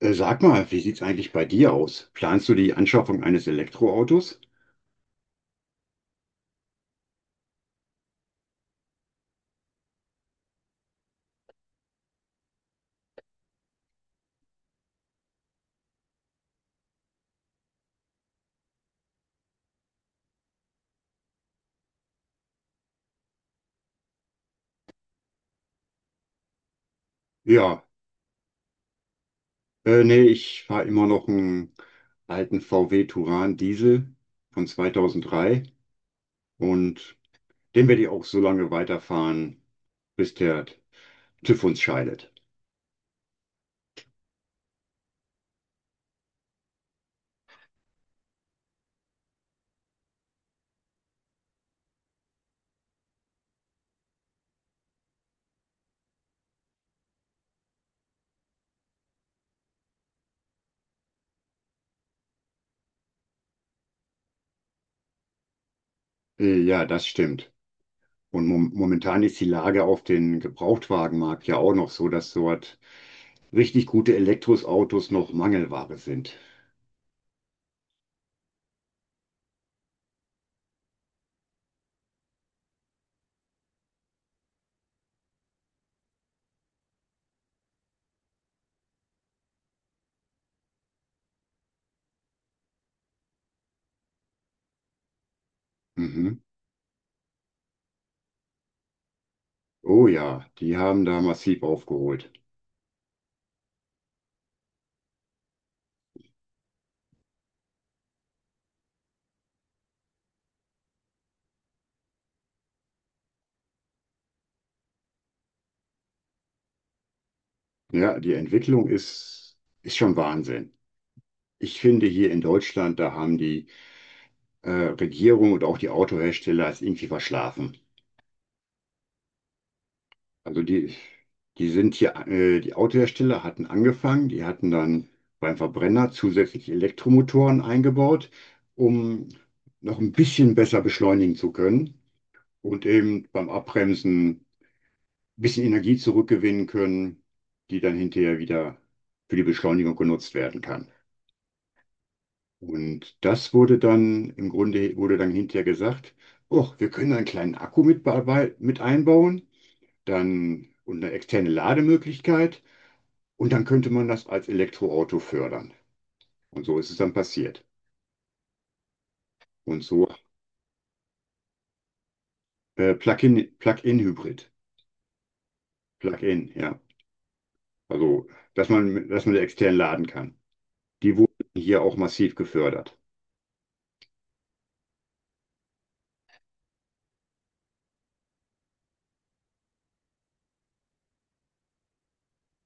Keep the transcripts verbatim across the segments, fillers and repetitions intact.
Äh, Sag mal, wie sieht's eigentlich bei dir aus? Planst du die Anschaffung eines Elektroautos? Ja, äh, nee, ich fahre immer noch einen alten V W Touran Diesel von zweitausenddrei und den werde ich auch so lange weiterfahren, bis der TÜV uns scheidet. Äh, ja, das stimmt. Und mom momentan ist die Lage auf den Gebrauchtwagenmarkt ja auch noch so, dass dort richtig gute Elektroautos noch Mangelware sind. Mhm. Oh ja, die haben da massiv aufgeholt. Ja, die Entwicklung ist, ist schon Wahnsinn. Ich finde, hier in Deutschland, da haben die äh, Regierung und auch die Autohersteller es irgendwie verschlafen. Also die, die sind hier, äh, die Autohersteller hatten angefangen, die hatten dann beim Verbrenner zusätzlich Elektromotoren eingebaut, um noch ein bisschen besser beschleunigen zu können und eben beim Abbremsen ein bisschen Energie zurückgewinnen können, die dann hinterher wieder für die Beschleunigung genutzt werden kann. Und das wurde dann, im Grunde wurde dann hinterher gesagt, oh, wir können einen kleinen Akku mit, bearbei- mit einbauen, dann und eine externe Lademöglichkeit und dann könnte man das als Elektroauto fördern. Und so ist es dann passiert. Und so äh, Plug-in, Plug-in-Hybrid, Plug-in, ja. Also, dass man, dass man extern laden kann. Die wurden hier auch massiv gefördert.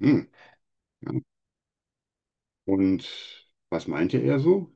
Hm, ja. Und was meinte er so?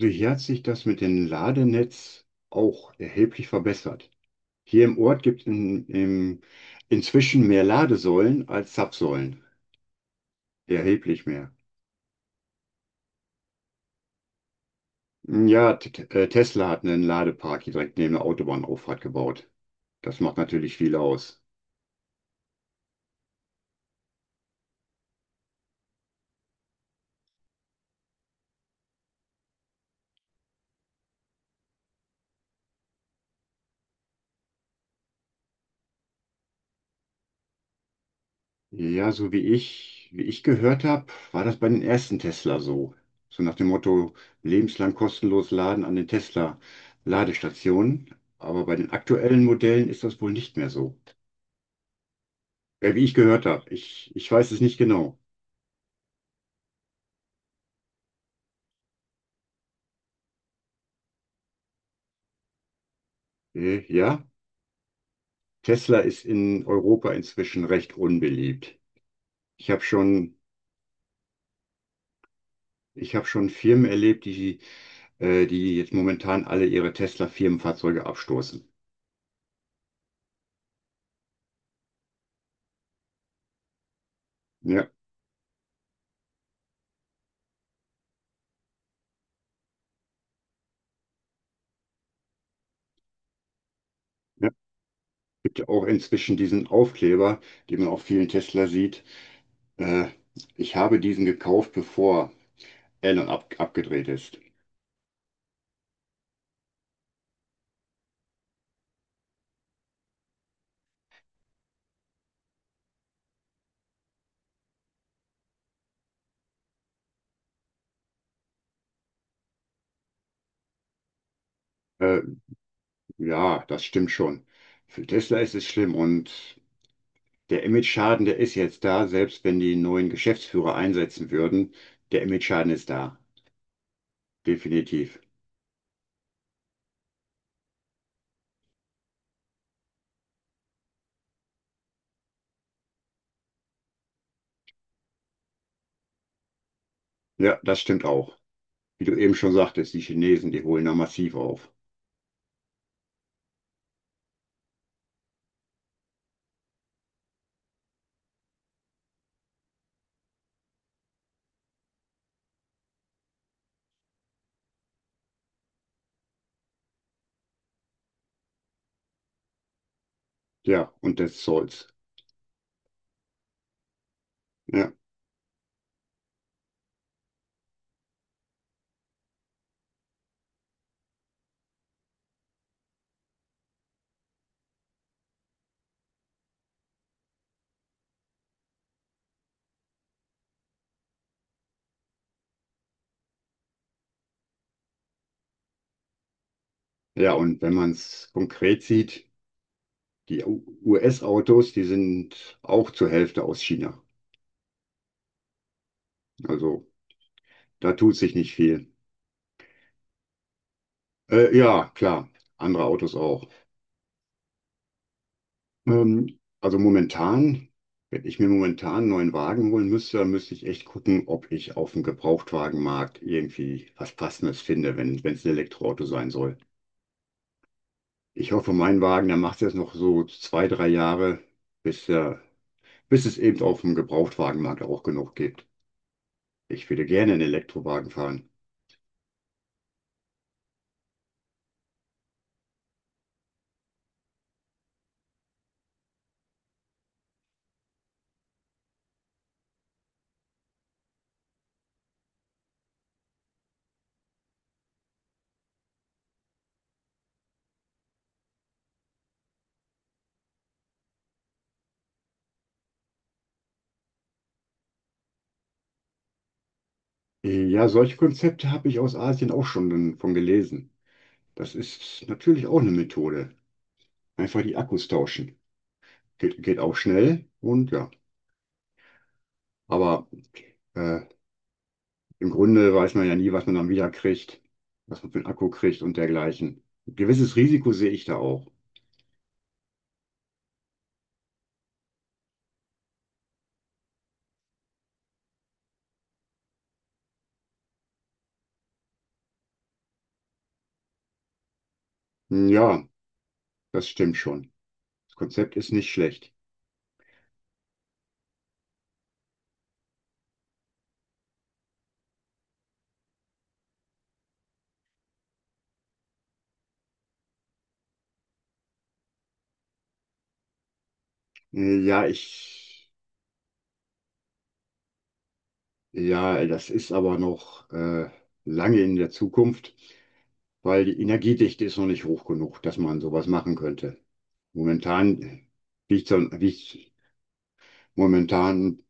So hier hat sich das mit dem Ladenetz auch erheblich verbessert. Hier im Ort gibt es in, im, inzwischen mehr Ladesäulen als Zapfsäulen. Erheblich mehr. Ja, T T- äh, Tesla hat einen Ladepark hier direkt neben der Autobahnauffahrt gebaut. Das macht natürlich viel aus. Ja, so wie ich, wie ich gehört habe, war das bei den ersten Tesla so. So nach dem Motto, lebenslang kostenlos laden an den Tesla-Ladestationen. Aber bei den aktuellen Modellen ist das wohl nicht mehr so. Äh, wie ich gehört habe. Ich, ich weiß es nicht genau. Äh, ja, Tesla ist in Europa inzwischen recht unbeliebt. Ich habe schon, Ich habe schon Firmen erlebt, die, äh, die jetzt momentan alle ihre Tesla-Firmenfahrzeuge abstoßen. Ja, ja. Gibt ja auch inzwischen diesen Aufkleber, den man auf vielen Tesla sieht. Äh, Ich habe diesen gekauft, bevor Elon ab, abgedreht ist. Äh, ja, das stimmt schon. Für Tesla ist es schlimm und der Image-Schaden, der ist jetzt da, selbst wenn die neuen Geschäftsführer einsetzen würden. Der Image-Schaden ist da. Definitiv. Ja, das stimmt auch. Wie du eben schon sagtest, die Chinesen, die holen da massiv auf. Ja, und des Zolls. Ja, ja, und wenn man es konkret sieht, die U- US-Autos, die sind auch zur Hälfte aus China. Also da tut sich nicht viel. Äh, ja, klar, andere Autos auch. Ähm, also momentan, wenn ich mir momentan einen neuen Wagen holen müsste, dann müsste ich echt gucken, ob ich auf dem Gebrauchtwagenmarkt irgendwie was Passendes finde, wenn wenn es ein Elektroauto sein soll. Ich hoffe, mein Wagen, der macht jetzt noch so zwei, drei Jahre, bis, er, bis es eben auf dem Gebrauchtwagenmarkt auch genug gibt. Ich würde gerne einen Elektrowagen fahren. Ja, solche Konzepte habe ich aus Asien auch schon von gelesen. Das ist natürlich auch eine Methode. Einfach die Akkus tauschen. Geht, geht auch schnell und ja. Aber äh, im Grunde weiß man ja nie, was man dann wieder kriegt, was man für einen Akku kriegt und dergleichen. Ein gewisses Risiko sehe ich da auch. Hm, ja, das stimmt schon. Das Konzept ist nicht schlecht. Äh, Ja, ich, ja, das ist aber noch äh, lange in der Zukunft, weil die Energiedichte ist noch nicht hoch genug, dass man sowas machen könnte. Momentan liegt, so- Liegt momentan,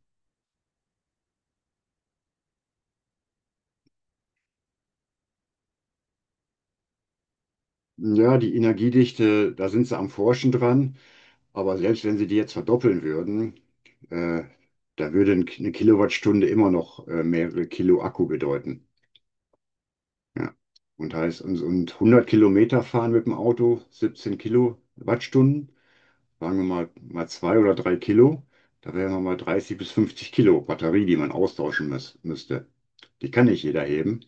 ja, die Energiedichte, da sind sie am Forschen dran. Aber selbst wenn sie die jetzt verdoppeln würden, äh, da würde ein- eine Kilowattstunde immer noch äh, mehrere Kilo Akku bedeuten. Ja. Und heißt, und, und hundert Kilometer fahren mit dem Auto, siebzehn Kilowattstunden, sagen wir mal, mal zwei oder drei Kilo, da wären wir mal dreißig bis fünfzig Kilo Batterie, die man austauschen müß, müsste. Die kann nicht jeder heben.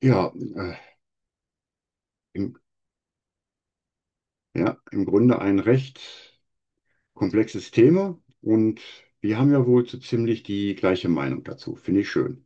Ja, äh, im, ja, im Grunde ein recht komplexes Thema und wir haben ja wohl so ziemlich die gleiche Meinung dazu. Finde ich schön.